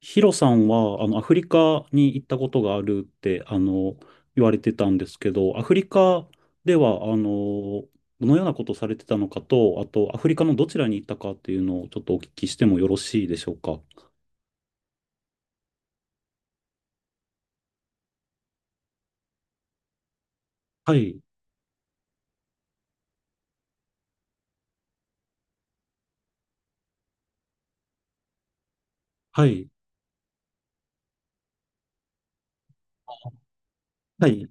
ヒロさんは、アフリカに行ったことがあるって、言われてたんですけど、アフリカでは、どのようなことをされてたのかと、あと、アフリカのどちらに行ったかっていうのをちょっとお聞きしてもよろしいでしょうか。はい、はい、はい、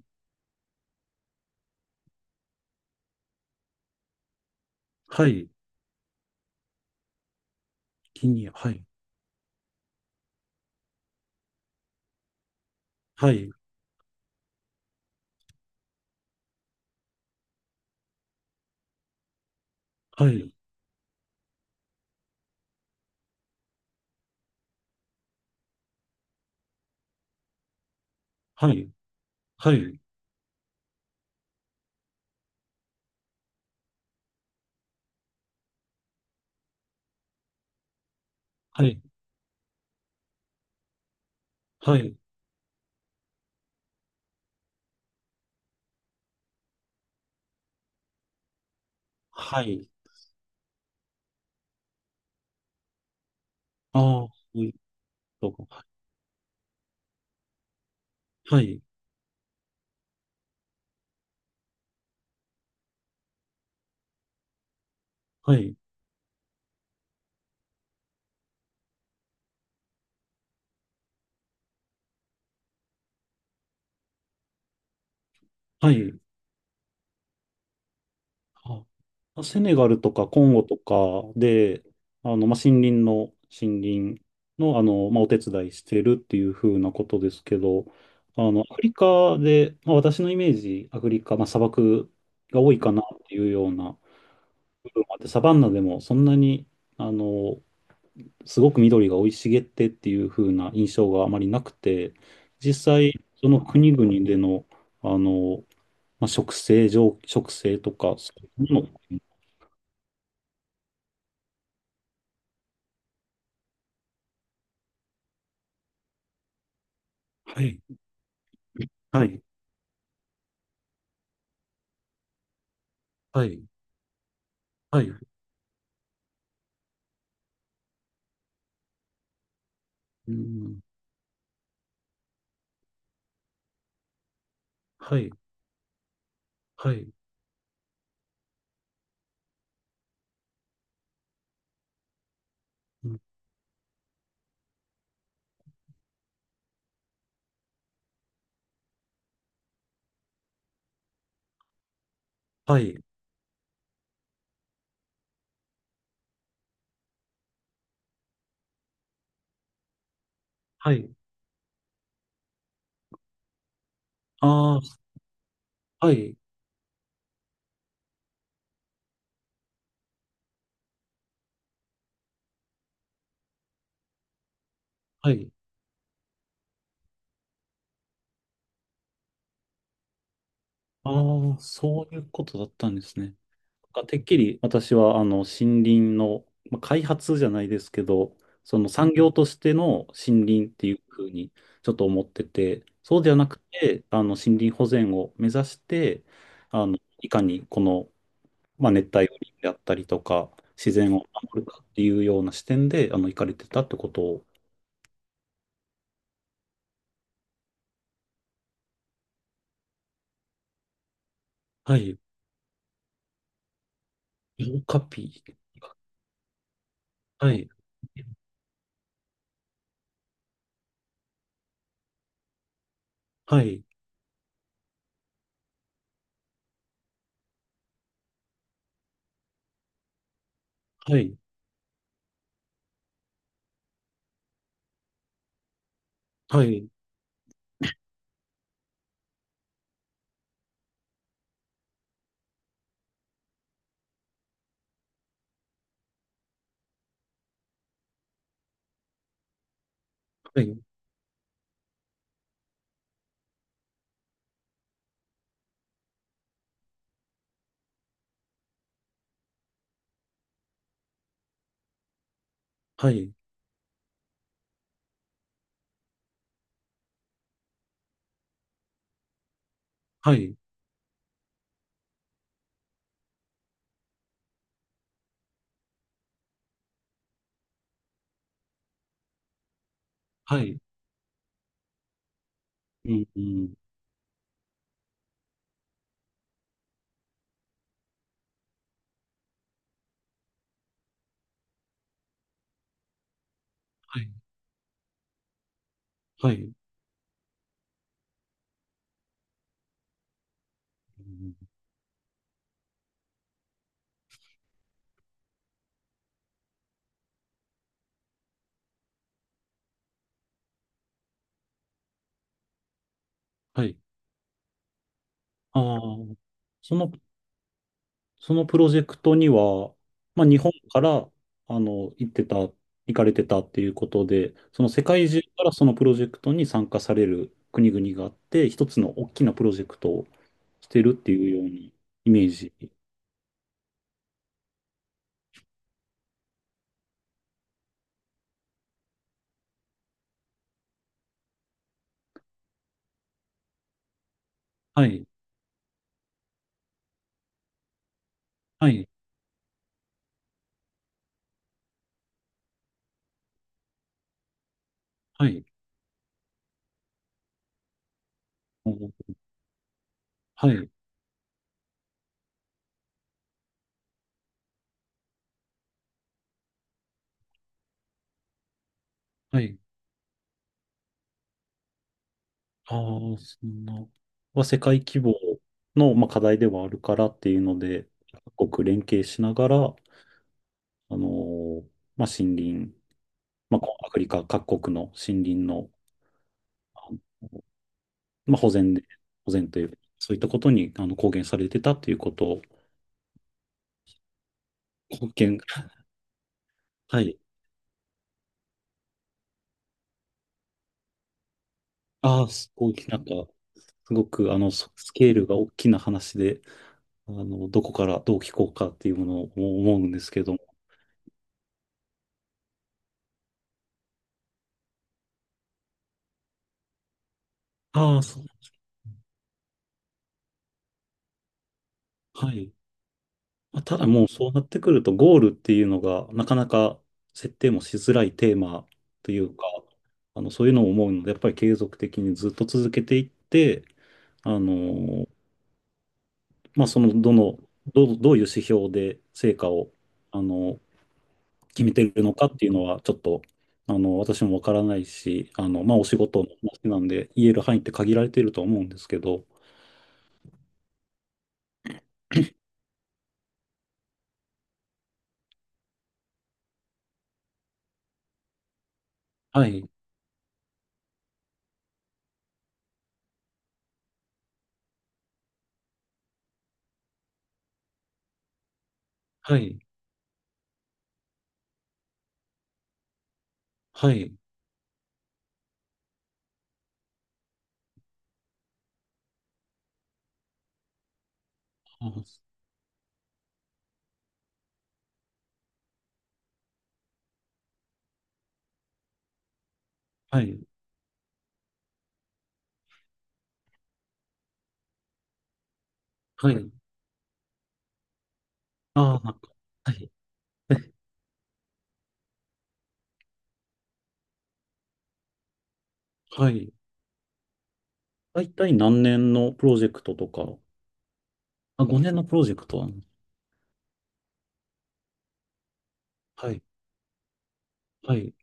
はい、ギニア、はい、はい、はい、はい、はい、はい、はい、はい、ああ、そういうことか。はい、はい、はい、あセネガルとかコンゴとかで、まあ、森林の、まあ、お手伝いしてるっていう風なことですけど、アフリカで、まあ、私のイメージ、アフリカ、まあ、砂漠が多いかなっていうような部分もあって、サバンナでもそんなに、あの、すごく緑が生い茂ってっていう風な印象があまりなくて、実際、その国々での、あの、まあ、植生、上、植生とか、そういうもの、はいはい、はい、はい、うん、はい、はい、うんはい、はい、ああ、はい、はい、ああ、そういうことだったんですね。なんかてっきり私は、森林の、まあ、開発じゃないですけど、その産業としての森林っていうふうにちょっと思ってて、そうではなくて、森林保全を目指して、いかにこの、まあ、熱帯雨林であったりとか、自然を守るかっていうような視点で、行かれてたってことを、はい。色カピ。はい。はい。はい。はい。はい。はい。はい。はい。うん。うん。はい。はい。うんはい。ああ。その、そのプロジェクトには、まあ、日本から、あの、行ってた、行かれてたっていうことで、その世界中からそのプロジェクトに参加される国々があって、一つの大きなプロジェクトをしてるっていうようにイメージ。はい。はい。はい。おはい。はい。ああ、そんな。は世界規模の、まあ、課題ではあるからっていうので、各国連携しながら、あのーまあ、森林、まあ、こうアフリカ各国の森林の、あのまあ、保全で、保全という、そういったことに貢献されてたということを、貢献、はい。ああ、すごい、なんか、すごく、スケールが大きな話で、どこからどう聞こうかっていうものを思うんですけども、ああ、そう、はい。まあ、ただもうそうなってくると、ゴールっていうのが、なかなか設定もしづらいテーマというか、そういうのを思うので、やっぱり継続的にずっと続けていって、あの、まあ、どういう指標で成果を、あの、決めてるのかっていうのは、ちょっと、私もわからないし、まあ、お仕事の話なんで、言える範囲って限られていると思うんですけど、はい、はい、はい、あはい、はい、ああ、なんか、はい。はい。大体何年のプロジェクトとか、あ、5年のプロジェクトは、はい、はい、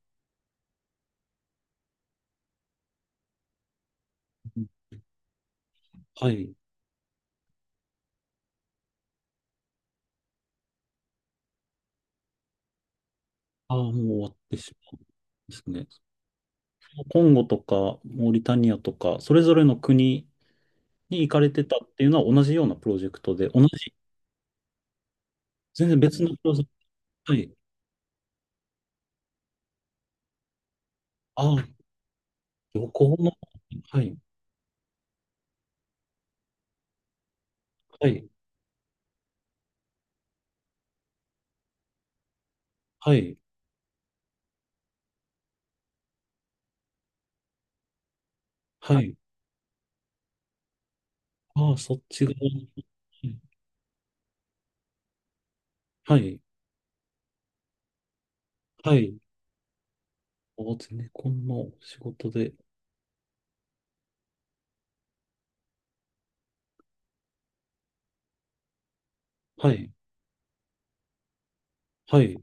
はい。ああ、もう終わってしまうんですね。コンゴとか、モーリタニアとか、それぞれの国に行かれてたっていうのは同じようなプロジェクトで、同じ、全然別のプロジェクト。はい。ああ、旅行の、はい、はい、はい、はい。ああ、そっち側はい、はい。はいお、ゼネコンの仕事で、はい、はい。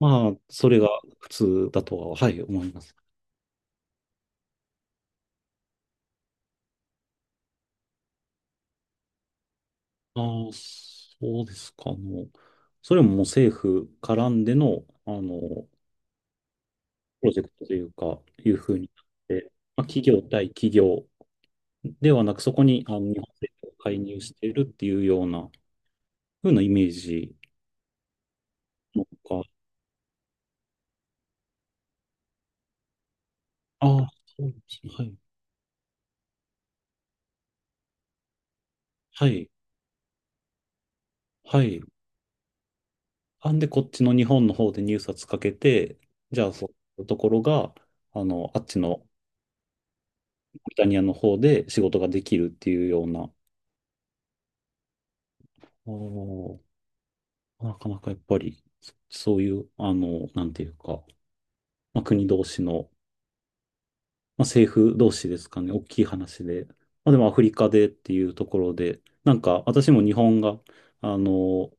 まあ、それが普通だとは、はい、思います。ああ、そうですか。それももう政府絡んでの、プロジェクトというか、いうふうになって、まあ、企業対企業ではなく、そこに日本政府が介入しているっていうような、ふうなイメージのか。ああ、そうですね。はい。はい。はい。あんで、こっちの日本の方で入札かけて、じゃあ、そういうところが、あっちのリタニアの方で仕事ができるっていうような、なかなかやっぱり、そういう、なんていうか、まあ、国同士の、まあ、政府同士ですかね、大きい話で、まあ、でもアフリカでっていうところで、なんか私も日本が、あの、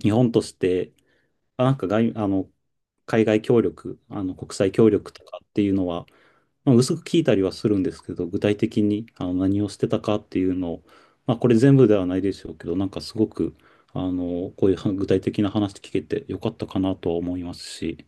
日本として、あなんか外、あの、海外協力、国際協力とかっていうのは、まあ、薄く聞いたりはするんですけど、具体的に何をしてたかっていうのを、まあ、これ全部ではないでしょうけど、なんかすごく、こういうは具体的な話聞けてよかったかなとは思いますし。